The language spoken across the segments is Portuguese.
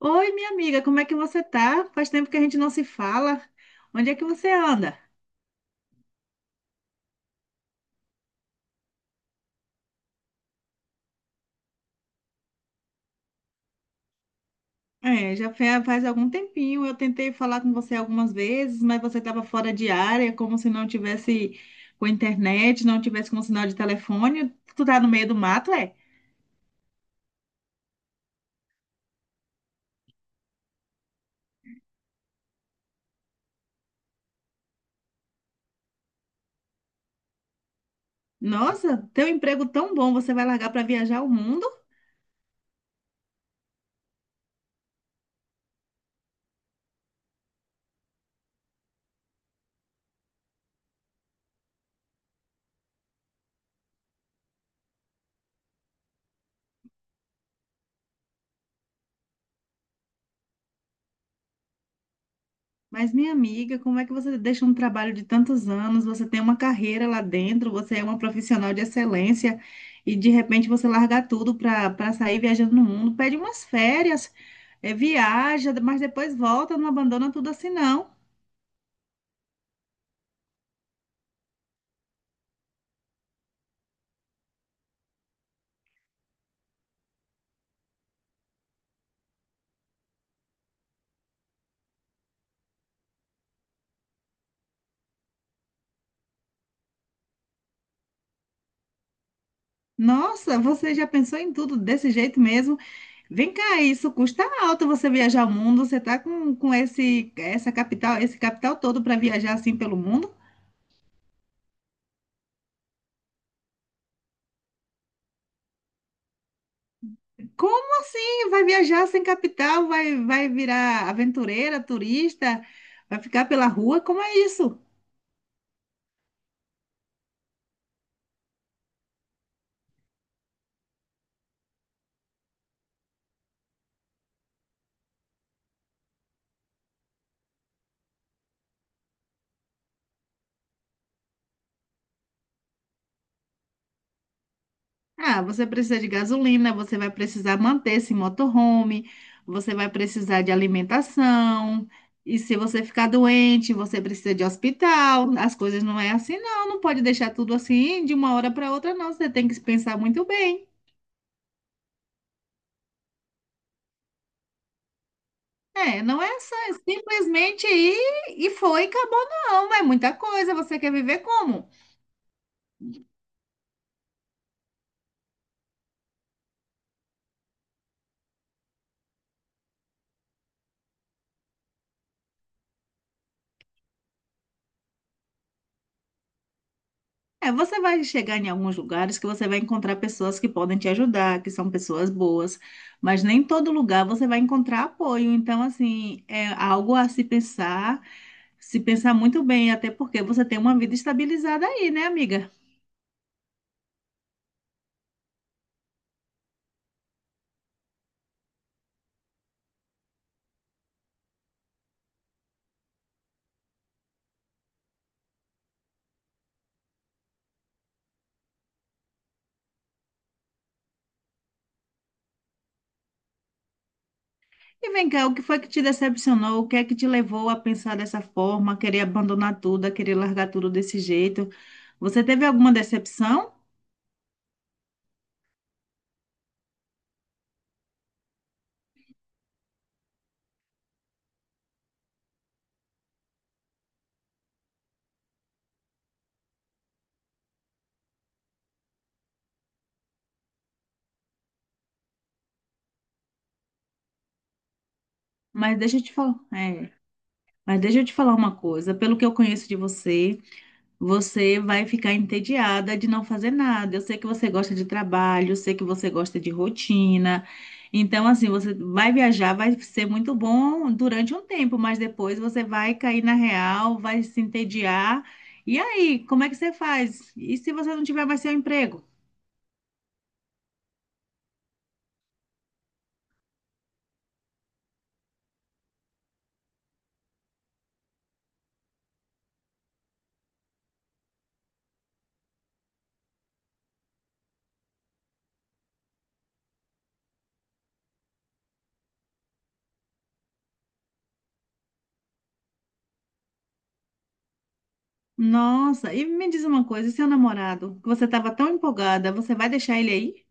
Oi, minha amiga, como é que você tá? Faz tempo que a gente não se fala. Onde é que você anda? É, faz algum tempinho. Eu tentei falar com você algumas vezes, mas você estava fora de área, como se não tivesse com internet, não tivesse com sinal de telefone. Tu tá no meio do mato, é? Nossa, teu emprego tão bom, você vai largar para viajar o mundo? Mas, minha amiga, como é que você deixa um trabalho de tantos anos, você tem uma carreira lá dentro, você é uma profissional de excelência e de repente você larga tudo para sair viajando no mundo, pede umas férias, viaja, mas depois volta, não abandona tudo assim, não. Nossa, você já pensou em tudo desse jeito mesmo? Vem cá, isso custa alto você viajar o mundo, você tá com esse, essa capital, esse capital todo para viajar assim pelo mundo? Como assim? Vai viajar sem capital? Vai, vai virar aventureira, turista? Vai ficar pela rua? Como é isso? Ah, você precisa de gasolina, você vai precisar manter esse motorhome, você vai precisar de alimentação. E se você ficar doente, você precisa de hospital. As coisas não é assim, não. Não pode deixar tudo assim de uma hora para outra, não. Você tem que pensar muito bem. É, não é só é simplesmente ir e foi, acabou, não. É muita coisa. Você quer viver como? É, você vai chegar em alguns lugares que você vai encontrar pessoas que podem te ajudar, que são pessoas boas, mas nem todo lugar você vai encontrar apoio. Então, assim, é algo a se pensar, se pensar muito bem, até porque você tem uma vida estabilizada aí, né, amiga? E vem cá, o que foi que te decepcionou? O que é que te levou a pensar dessa forma, a querer abandonar tudo, a querer largar tudo desse jeito? Você teve alguma decepção? Mas deixa eu te falar, é, mas deixa eu te falar uma coisa. Pelo que eu conheço de você, você vai ficar entediada de não fazer nada. Eu sei que você gosta de trabalho, eu sei que você gosta de rotina. Então, assim, você vai viajar, vai ser muito bom durante um tempo, mas depois você vai cair na real, vai se entediar. E aí, como é que você faz? E se você não tiver mais seu emprego? Nossa, e me diz uma coisa, e seu namorado, que você estava tão empolgada, você vai deixar ele aí?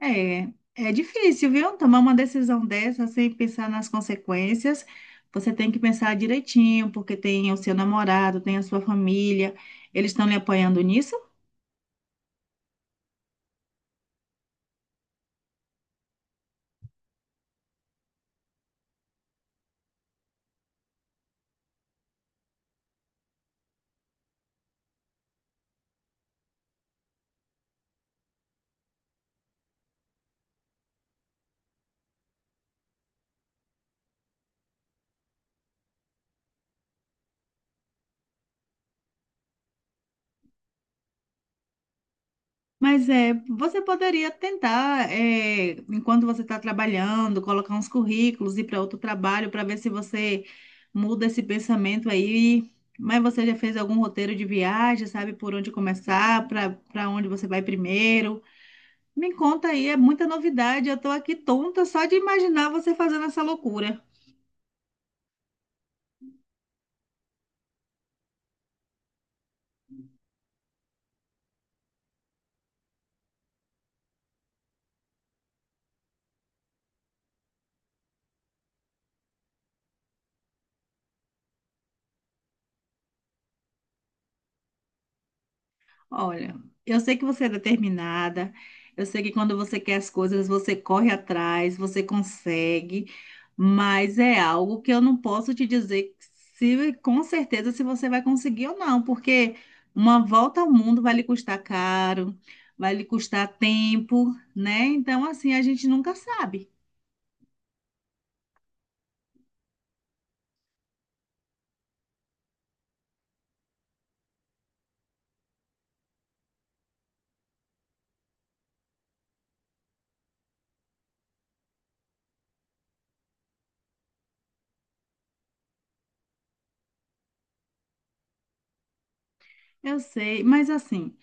É, é difícil, viu? Tomar uma decisão dessa sem pensar nas consequências. Você tem que pensar direitinho, porque tem o seu namorado, tem a sua família. Eles estão lhe apoiando nisso? Mas é, você poderia tentar, é, enquanto você está trabalhando, colocar uns currículos, ir para outro trabalho para ver se você muda esse pensamento aí. Mas você já fez algum roteiro de viagem, sabe por onde começar, para onde você vai primeiro? Me conta aí, é muita novidade. Eu estou aqui tonta só de imaginar você fazendo essa loucura. Olha, eu sei que você é determinada, eu sei que quando você quer as coisas, você corre atrás, você consegue, mas é algo que eu não posso te dizer se com certeza se você vai conseguir ou não, porque uma volta ao mundo vai lhe custar caro, vai lhe custar tempo, né? Então, assim, a gente nunca sabe. Eu sei, mas assim,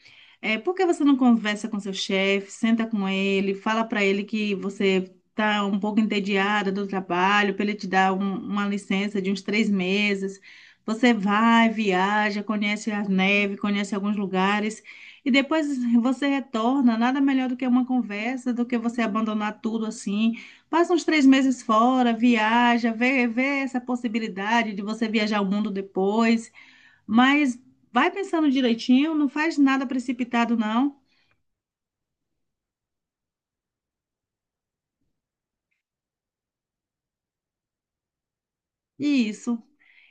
é, por que você não conversa com seu chefe, senta com ele, fala para ele que você está um pouco entediada do trabalho, para ele te dar uma licença de uns 3 meses? Você vai, viaja, conhece a neve, conhece alguns lugares, e depois você retorna. Nada melhor do que uma conversa, do que você abandonar tudo assim. Passa uns 3 meses fora, viaja, vê, vê essa possibilidade de você viajar o mundo depois. Mas vai pensando direitinho, não faz nada precipitado, não. Isso.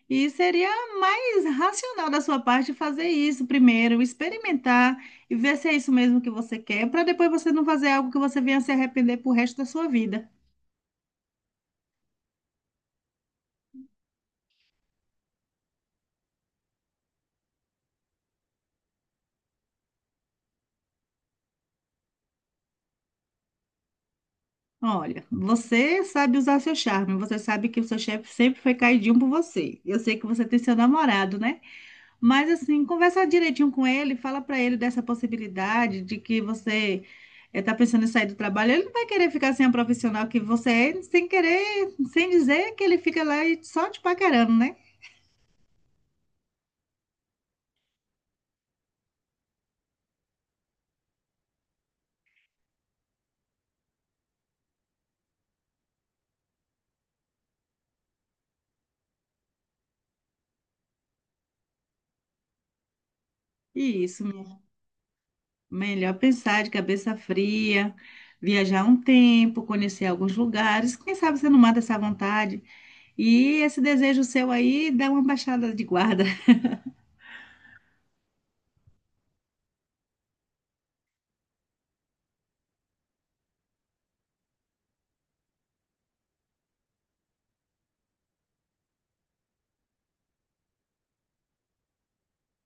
E seria mais racional da sua parte fazer isso primeiro, experimentar e ver se é isso mesmo que você quer, para depois você não fazer algo que você venha se arrepender pro resto da sua vida. Olha, você sabe usar seu charme, você sabe que o seu chefe sempre foi caidinho por você. Eu sei que você tem seu namorado, né? Mas assim, conversar direitinho com ele, fala para ele dessa possibilidade de que você está pensando em sair do trabalho. Ele não vai querer ficar sem a profissional que você é, sem querer, sem dizer que ele fica lá e só te paquerando, né? E isso, minha- Melhor pensar de cabeça fria, viajar um tempo, conhecer alguns lugares. Quem sabe você não mata essa vontade. E esse desejo seu aí dá uma baixada de guarda.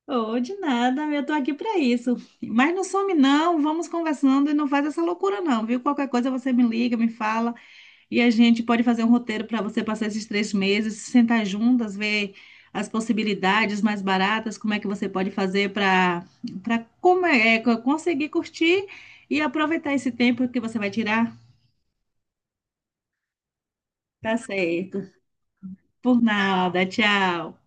Oh, de nada, eu tô aqui pra isso. Mas não some não, vamos conversando e não faz essa loucura não, viu? Qualquer coisa você me liga, me fala e a gente pode fazer um roteiro para você passar esses 3 meses, se sentar juntas, ver as possibilidades mais baratas, como é que você pode fazer para para como é, é, co- conseguir curtir e aproveitar esse tempo que você vai tirar. Tá certo. Por nada, tchau.